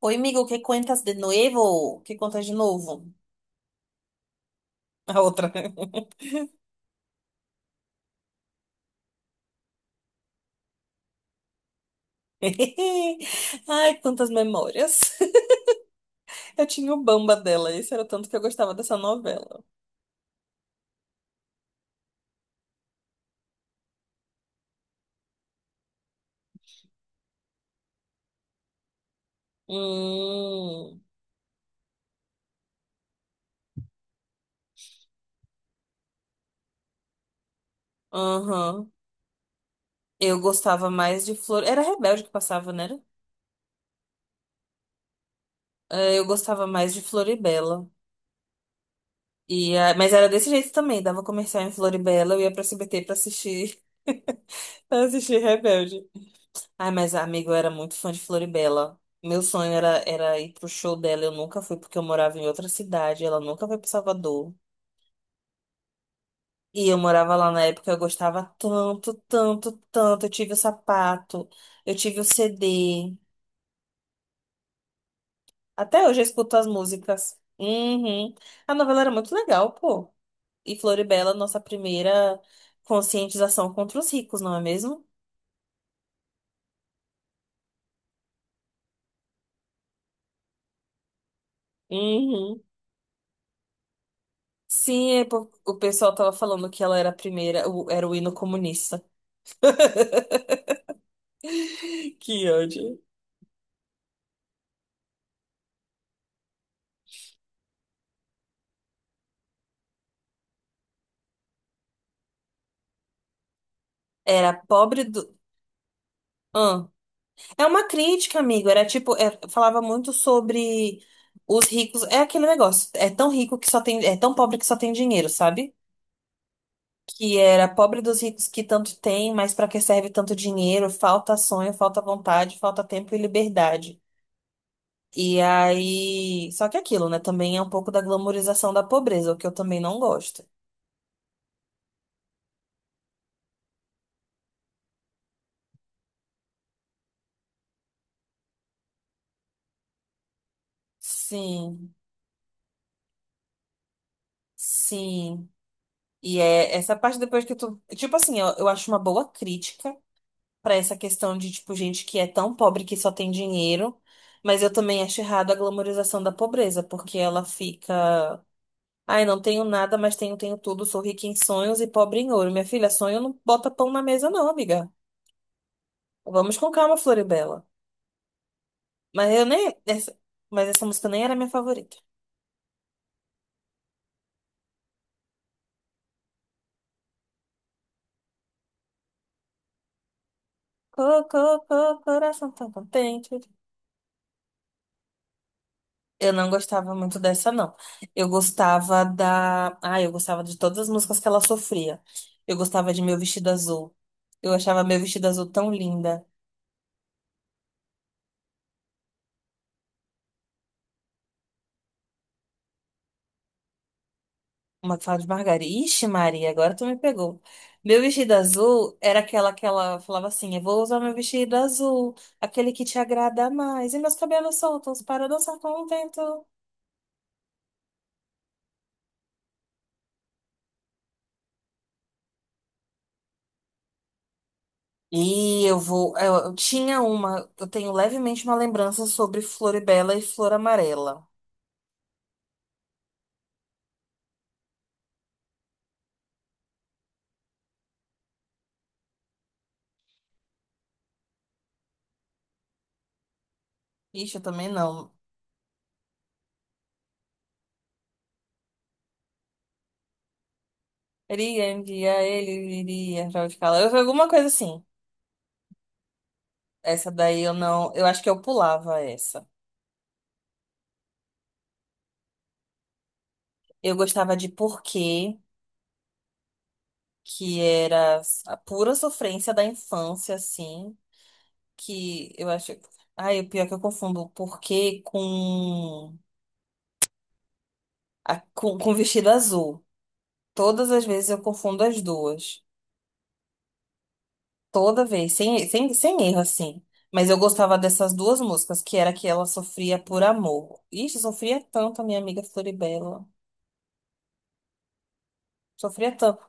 Oi, amigo, ¿qué cuentas de nuevo? ¿Qué cuentas de novo? A outra. Ai, quantas memórias. Eu tinha o Bamba dela, esse era o tanto que eu gostava dessa novela. Hum, aham. Eu gostava mais de Flor... Era Rebelde que passava, né? Eu gostava mais de Floribela. Mas era desse jeito também, dava comercial em Floribela, eu ia pra CBT pra assistir, pra assistir Rebelde. Ai, mas amigo, eu era muito fã de Floribela. Meu sonho era, era ir pro show dela. Eu nunca fui porque eu morava em outra cidade. Ela nunca foi pro Salvador. E eu morava lá na época, eu gostava tanto, tanto, tanto. Eu tive o sapato, eu tive o CD. Até hoje eu escuto as músicas. Uhum. A novela era muito legal, pô. E Floribela, nossa primeira conscientização contra os ricos, não é mesmo? Uhum. Sim, é por... o pessoal tava falando que ela era a primeira, era o hino comunista. Que ódio. Era pobre do. Ahn. É uma crítica, amigo. Era tipo, falava muito sobre os ricos. É aquele negócio. É tão rico que só tem. É tão pobre que só tem dinheiro, sabe? Que era pobre dos ricos que tanto tem, mas pra que serve tanto dinheiro? Falta sonho, falta vontade, falta tempo e liberdade. E aí. Só que é aquilo, né? Também é um pouco da glamorização da pobreza, o que eu também não gosto. Sim, sim. E é essa parte depois que tu. Tipo assim, eu acho uma boa crítica pra essa questão de, tipo, gente que é tão pobre que só tem dinheiro. Mas eu também acho errado a glamorização da pobreza, porque ela fica. Ai, não tenho nada, mas tenho, tenho tudo. Sou rica em sonhos e pobre em ouro. Minha filha, sonho não bota pão na mesa, não, amiga. Vamos com calma, Floribela. Mas eu nem. Essa... Mas essa música nem era minha favorita. Cocô, coração tão contente. Eu não gostava muito dessa, não. Eu gostava da. Ah, eu gostava de todas as músicas que ela sofria. Eu gostava de Meu Vestido Azul. Eu achava Meu Vestido Azul tão linda. Uma que fala de Margarida. Ixi, Maria, agora tu me pegou. Meu Vestido Azul era aquela que ela falava assim: eu vou usar meu vestido azul, aquele que te agrada mais. E meus cabelos soltos para dançar com o vento. E eu vou. Eu tinha uma. Eu tenho levemente uma lembrança sobre Floribela e Flor Amarela. Ixi, eu também não. Iria, iria, ele iria, Radical. Eu vi alguma coisa assim. Essa daí eu não. Eu acho que eu pulava essa. Eu gostava de Porquê, que era a pura sofrência da infância, assim. Que eu acho. Ai, o pior é que eu confundo Porquê com, com vestido azul. Todas as vezes eu confundo as duas. Toda vez, sem erro, assim. Mas eu gostava dessas duas músicas, que era que ela sofria por amor. Ixi, sofria tanto a minha amiga Floribela. Sofria tanto.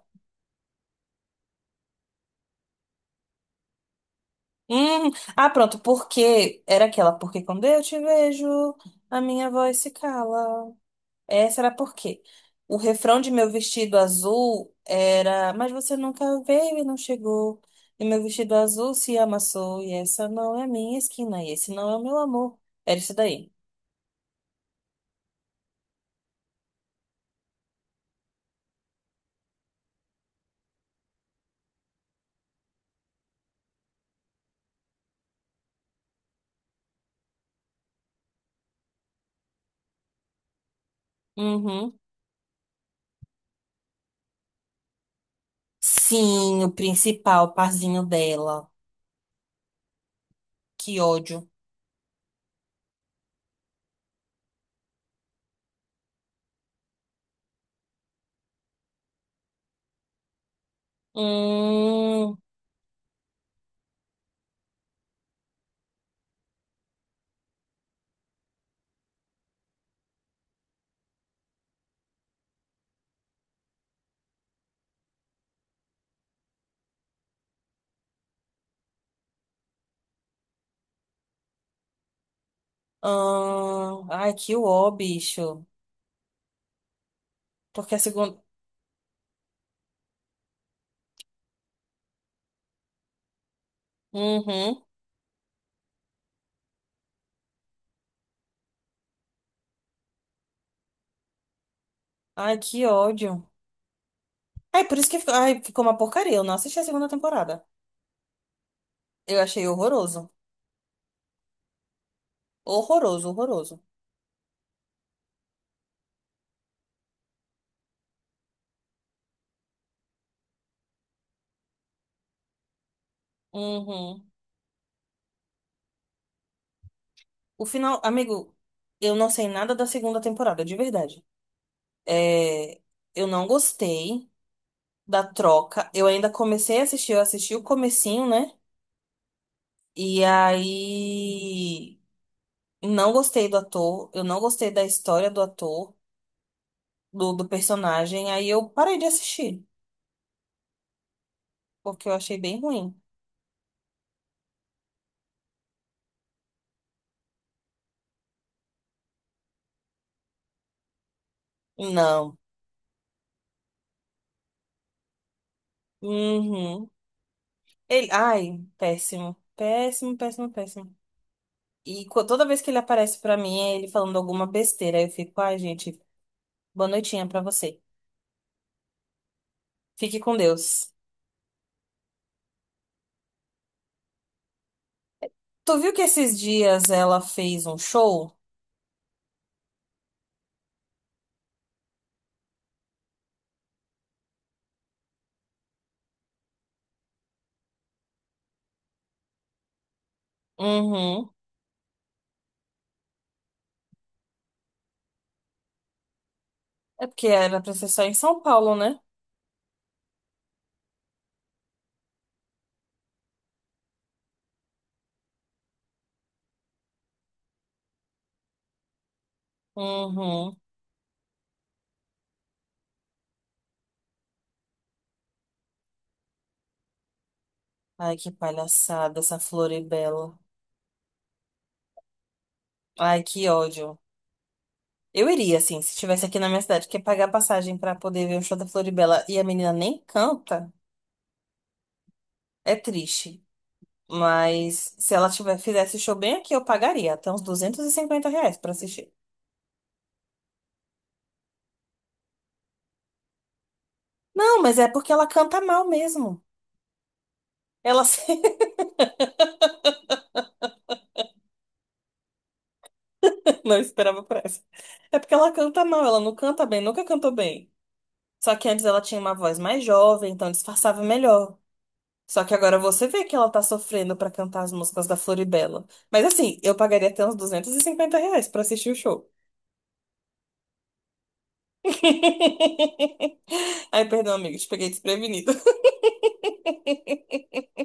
Hum. Ah, pronto, porque era aquela, porque quando eu te vejo, a minha voz se cala. Essa era porque o refrão de meu vestido azul era, mas você nunca veio e não chegou. E meu vestido azul se amassou, e essa não é a minha esquina, e esse não é o meu amor. Era isso daí. Uhum. Sim, o principal parzinho dela. Que ódio. Hum, Ai, que ó, bicho. Porque a segunda. Uhum. Ai, que ódio. Ai, por isso que ficou uma porcaria. Eu não assisti a segunda temporada. Eu achei horroroso. Horroroso, horroroso. Uhum. O final, amigo, eu não sei nada da segunda temporada, de verdade. É, eu não gostei da troca. Eu ainda comecei a assistir, eu assisti o comecinho, né? E aí não gostei do ator, eu não gostei da história do ator, do personagem. Aí eu parei de assistir, porque eu achei bem ruim. Não. Uhum. Ele, ai, péssimo. Péssimo, péssimo, péssimo. Toda vez que ele aparece pra mim, é ele falando alguma besteira. Aí eu fico, ai, gente, boa noitinha pra você. Fique com Deus. Tu viu que esses dias ela fez um show? Uhum. É porque era pra ser só em São Paulo, né? Uhum. Ai, que palhaçada essa Floribela. Ai, que ódio. Eu iria, assim, se estivesse aqui na minha cidade, porque pagar passagem pra poder ver o show da Floribela e a menina nem canta, é triste. Mas se ela tiver, fizesse show bem aqui, eu pagaria até uns R$ 250 pra assistir. Não, mas é porque ela canta mal mesmo. Ela não esperava por essa. É porque ela canta mal, ela não canta bem, nunca cantou bem. Só que antes ela tinha uma voz mais jovem, então disfarçava melhor. Só que agora você vê que ela tá sofrendo pra cantar as músicas da Floribela. Mas assim, eu pagaria até uns 250 reais pra assistir o show. Ai, perdão, amigo, te peguei desprevenido.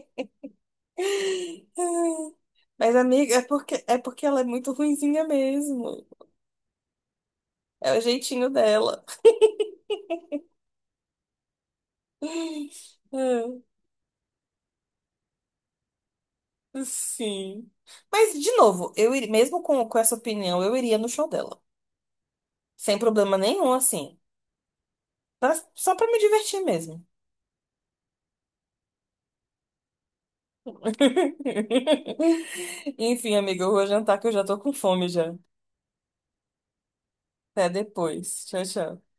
Mas, amiga, é porque ela é muito ruinzinha mesmo. É o jeitinho dela. Ah, sim. Mas, de novo, eu iria, mesmo com essa opinião, eu iria no show dela. Sem problema nenhum, assim. Só pra me divertir mesmo. Enfim, amiga, eu vou jantar que eu já tô com fome já. Até depois. Tchau, tchau.